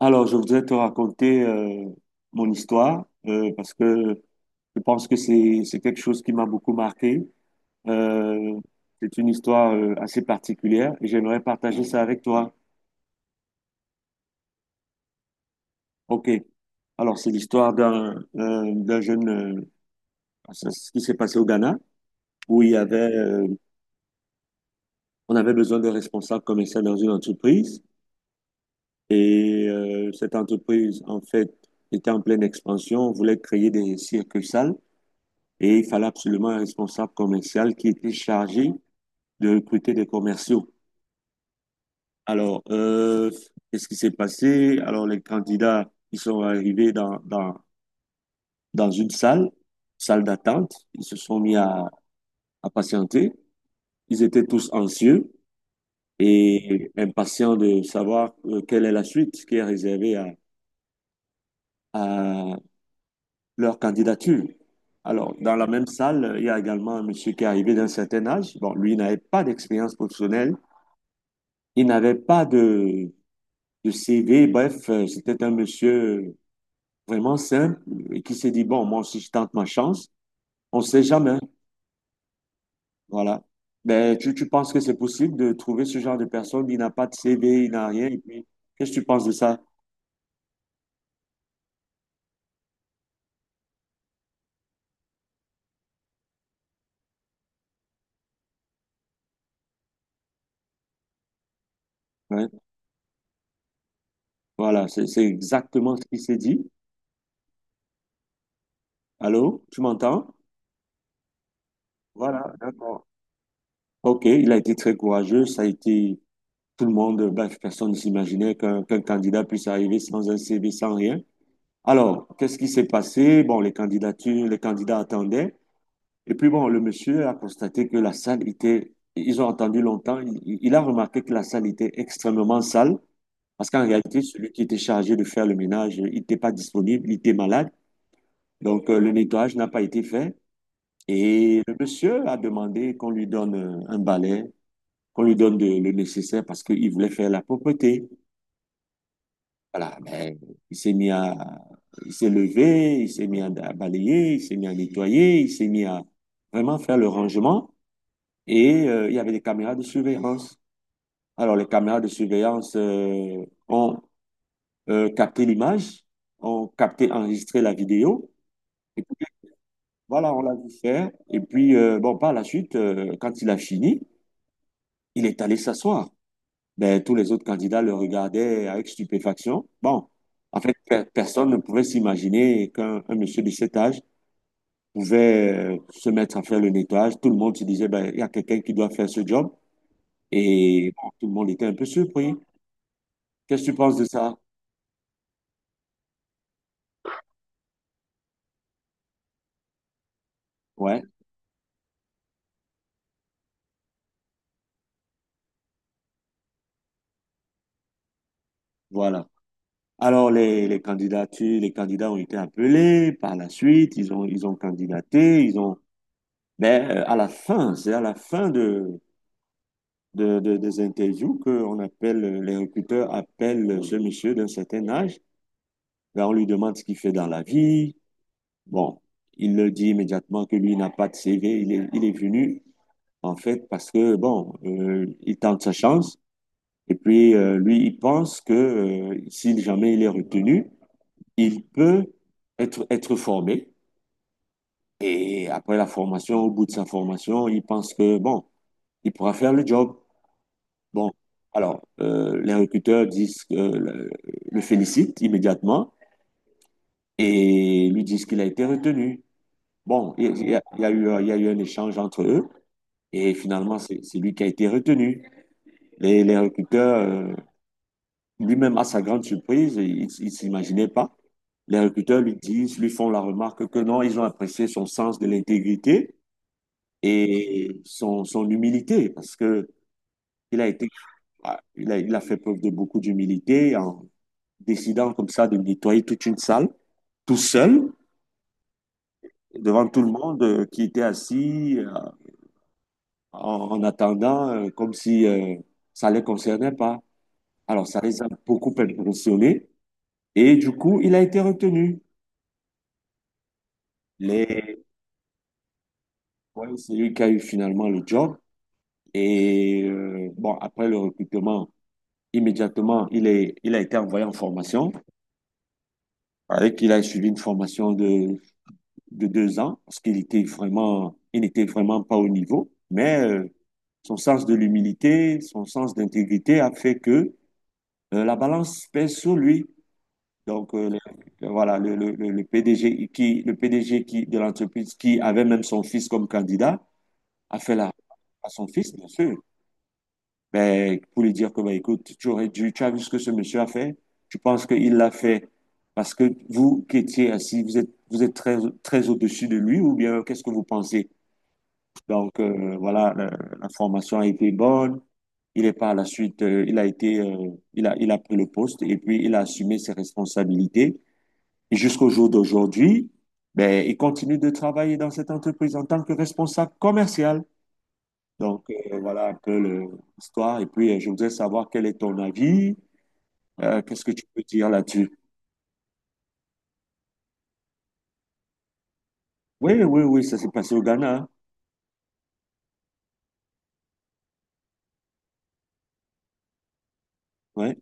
Alors, je voudrais te raconter mon histoire parce que je pense que c'est quelque chose qui m'a beaucoup marqué. Euh, c'est une histoire assez particulière et j'aimerais partager ça avec toi. Ok. Alors, c'est l'histoire d'un jeune, ça, c'est ce qui s'est passé au Ghana où il y avait on avait besoin de responsables commerciaux dans une entreprise et cette entreprise en fait était en pleine expansion, voulait créer des circuits salles. Et il fallait absolument un responsable commercial qui était chargé de recruter des commerciaux. Alors, qu'est-ce qui s'est passé? Alors, les candidats, ils sont arrivés dans une salle, salle d'attente. Ils se sont à patienter. Ils étaient tous anxieux et impatients de savoir quelle est la suite qui est réservée à leur candidature. Alors, dans la même salle, il y a également un monsieur qui est arrivé d'un certain âge. Bon, lui n'avait pas d'expérience professionnelle, il n'avait pas de, de CV. Bref, c'était un monsieur vraiment simple et qui s'est dit, bon, moi aussi, je tente ma chance. On ne sait jamais. Voilà. Ben, tu penses que c'est possible de trouver ce genre de personne qui n'a pas de CV, il n'a rien. Et puis, qu'est-ce que tu penses de ça? Ouais. Voilà, c'est exactement ce qu'il s'est dit. Allô, tu m'entends? Voilà, d'accord. OK, il a été très courageux. Ça a été tout le monde, bref, personne ne s'imaginait qu'un candidat puisse arriver sans un CV, sans rien. Alors, qu'est-ce qui s'est passé? Bon, les candidatures, les candidats attendaient. Et puis, bon, le monsieur a constaté que la salle était, ils ont attendu longtemps. Il il- a remarqué que la salle était extrêmement sale parce qu'en réalité, celui qui était chargé de faire le ménage, il n'était pas disponible, il était malade. Donc, le nettoyage n'a pas été fait. Et le monsieur a demandé qu'on lui donne un balai, qu'on lui le nécessaire parce qu'il voulait faire la propreté. Voilà, ben, il s'est mis à, il s'est levé, il s'est à balayer, il s'est mis à nettoyer, il s'est mis à vraiment faire le rangement et il y avait des caméras de surveillance. Alors, les caméras de surveillance ont capté l'image, ont capté, enregistré la vidéo. Et puis, voilà, on l'a vu faire. Et puis, bon, par la suite, quand il a fini, il est allé s'asseoir. Ben, tous les autres candidats le regardaient avec stupéfaction. Bon, en fait, personne ne pouvait s'imaginer qu'un un monsieur de cet âge pouvait se mettre à faire le nettoyage. Tout le monde se disait, ben, il y a quelqu'un qui doit faire ce job. Et bon, tout le monde était un peu surpris. Qu'est-ce que tu penses de ça? Ouais, voilà. Alors, les candidatures, les candidats ont été appelés par la suite, ils ont candidaté, ils ont... Mais à la fin, c'est à la fin des interviews qu'on appelle, les recruteurs appellent ce monsieur d'un certain âge. Ben, on lui demande ce qu'il fait dans la vie. Bon, il le dit immédiatement que lui n'a pas de CV. Il est venu, en fait, parce que, bon, il tente sa chance. Et puis, lui, il pense que si jamais il est retenu, il peut être formé. Et après la formation, au bout de sa formation, il pense que, bon, il pourra faire le job. Bon, alors, les recruteurs disent que, le félicitent immédiatement et lui disent qu'il a été retenu. Bon, il y a eu, il y a eu un échange entre eux et finalement, c'est lui qui a été retenu. Les recruteurs, euh, lui-même, à sa grande surprise, il ne s'imaginait pas. Les recruteurs lui disent, lui font la remarque que non, ils ont apprécié son sens de l'intégrité et son humilité parce que il a été, ah, il a fait preuve de beaucoup d'humilité en décidant comme ça de nettoyer toute une salle, tout seul, devant tout le monde, qui était assis, en, en attendant, comme si ça ne les concernait pas. Alors, ça les a beaucoup impressionnés et du coup, il a été retenu. Les... ouais, c'est lui qui a eu finalement le job. Et bon, après le recrutement, immédiatement, il a été envoyé en formation. Avec, il a suivi une formation de 2 ans, parce qu'il était vraiment, il n'était vraiment pas au niveau, mais son sens de l'humilité, son sens d'intégrité a fait que la balance pèse sur lui. Donc, voilà, le PDG qui, le PDG qui, de l'entreprise qui avait même son fils comme candidat a fait la, à son fils, bien sûr, ben, pour lui dire que, ben, écoute, tu aurais dû, tu as vu ce que ce monsieur a fait, tu penses qu'il l'a fait parce que vous qui étiez assis, vous êtes très, très au-dessus de lui ou bien qu'est-ce que vous pensez? Donc voilà, la formation a été bonne. Il est par la suite, il a été, il a pris le poste et puis il a assumé ses responsabilités. Et jusqu'au jour d'aujourd'hui, ben, il continue de travailler dans cette entreprise en tant que responsable commercial. Donc voilà un peu l'histoire. Et puis je voudrais savoir quel est ton avis. Qu'est-ce que tu peux dire là-dessus? Oui, oui, oui, ça s'est passé au Ghana, hein. Ouais,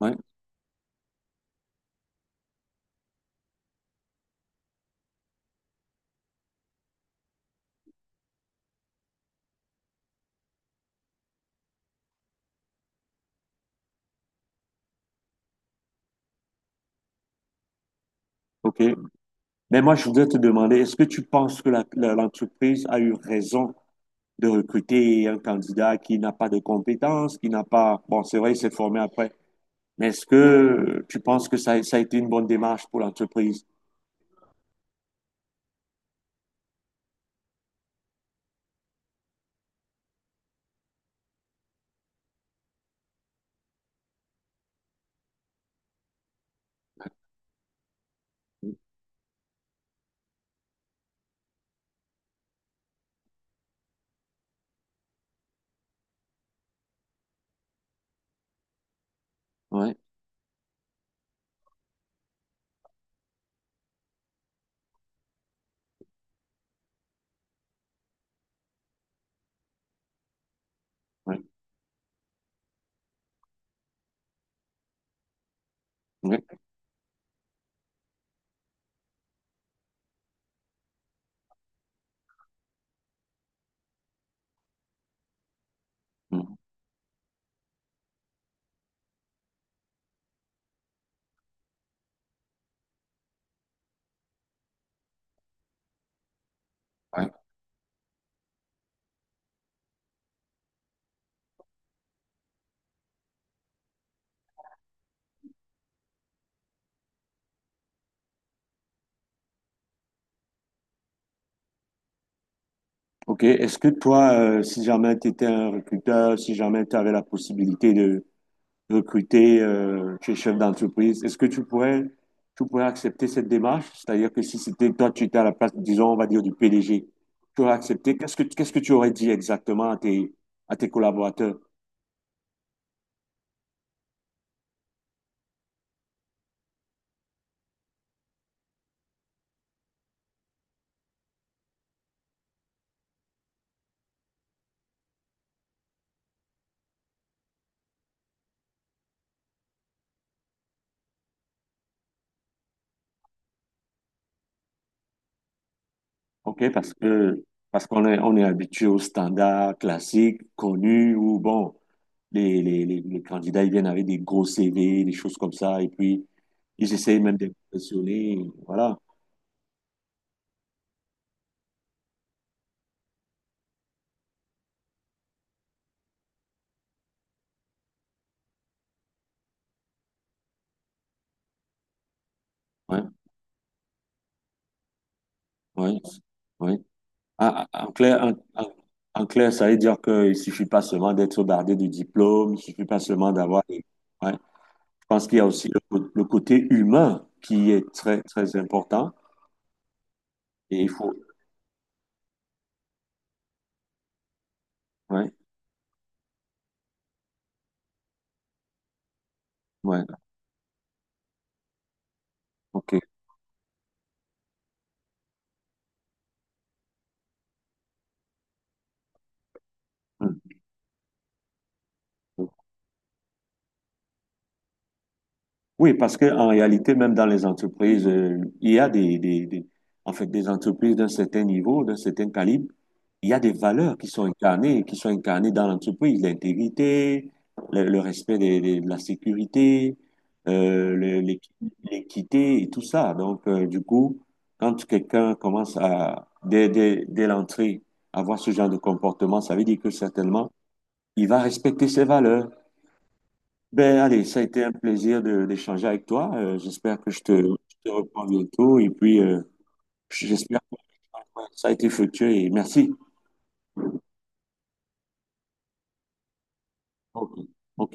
ouais, ok. Mais moi, je voudrais te demander, est-ce que tu penses que l'entreprise a eu raison? De recruter un candidat qui n'a pas de compétences, qui n'a pas... Bon, c'est vrai, il s'est formé après. Mais est-ce que tu penses que ça a été une bonne démarche pour l'entreprise? Ouais, ouais, ouais. Mm, ouais. Ok. Est-ce que toi, si jamais tu étais un recruteur, si jamais tu avais la possibilité de recruter, tu es chef d'entreprise, est-ce que tu pourrais accepter cette démarche? C'est-à-dire que si c'était toi, tu étais à la place, disons, on va dire, du PDG, tu aurais accepté. Qu'est-ce que tu aurais dit exactement à à tes collaborateurs? OK, parce que parce qu'on est on est habitué aux standards classiques connus où bon les candidats ils viennent avec des gros CV, des choses comme ça et puis ils essayent même d'impressionner, voilà. Ouais, ouais, ouais. Ah, ah, en clair, en- en clair, ça veut dire qu'il ne suffit pas seulement d'être bardé de diplôme, il ne suffit pas seulement d'avoir des- ouais. Je pense qu'il y a aussi le, le côté humain qui est très très important et il faut ouais, ouais, OK. Hmm. Oui, parce que en réalité, même dans les entreprises, il y a des- en fait, des entreprises d'un certain niveau, d'un certain calibre. Il y a des valeurs qui sont incarnées dans l'entreprise, l'intégrité, le respect de la sécurité, euh, le- l'équ- l'équité et tout ça. Donc, du coup, quand quelqu'un commence à, dès l'entrée, avoir ce genre de comportement, ça veut dire que certainement, il va respecter ses valeurs. Ben, allez, ça a été un plaisir d'échanger avec toi. J'espère que je te reprends bientôt et puis j'espère que ça a été fructueux et merci. Ok, ok.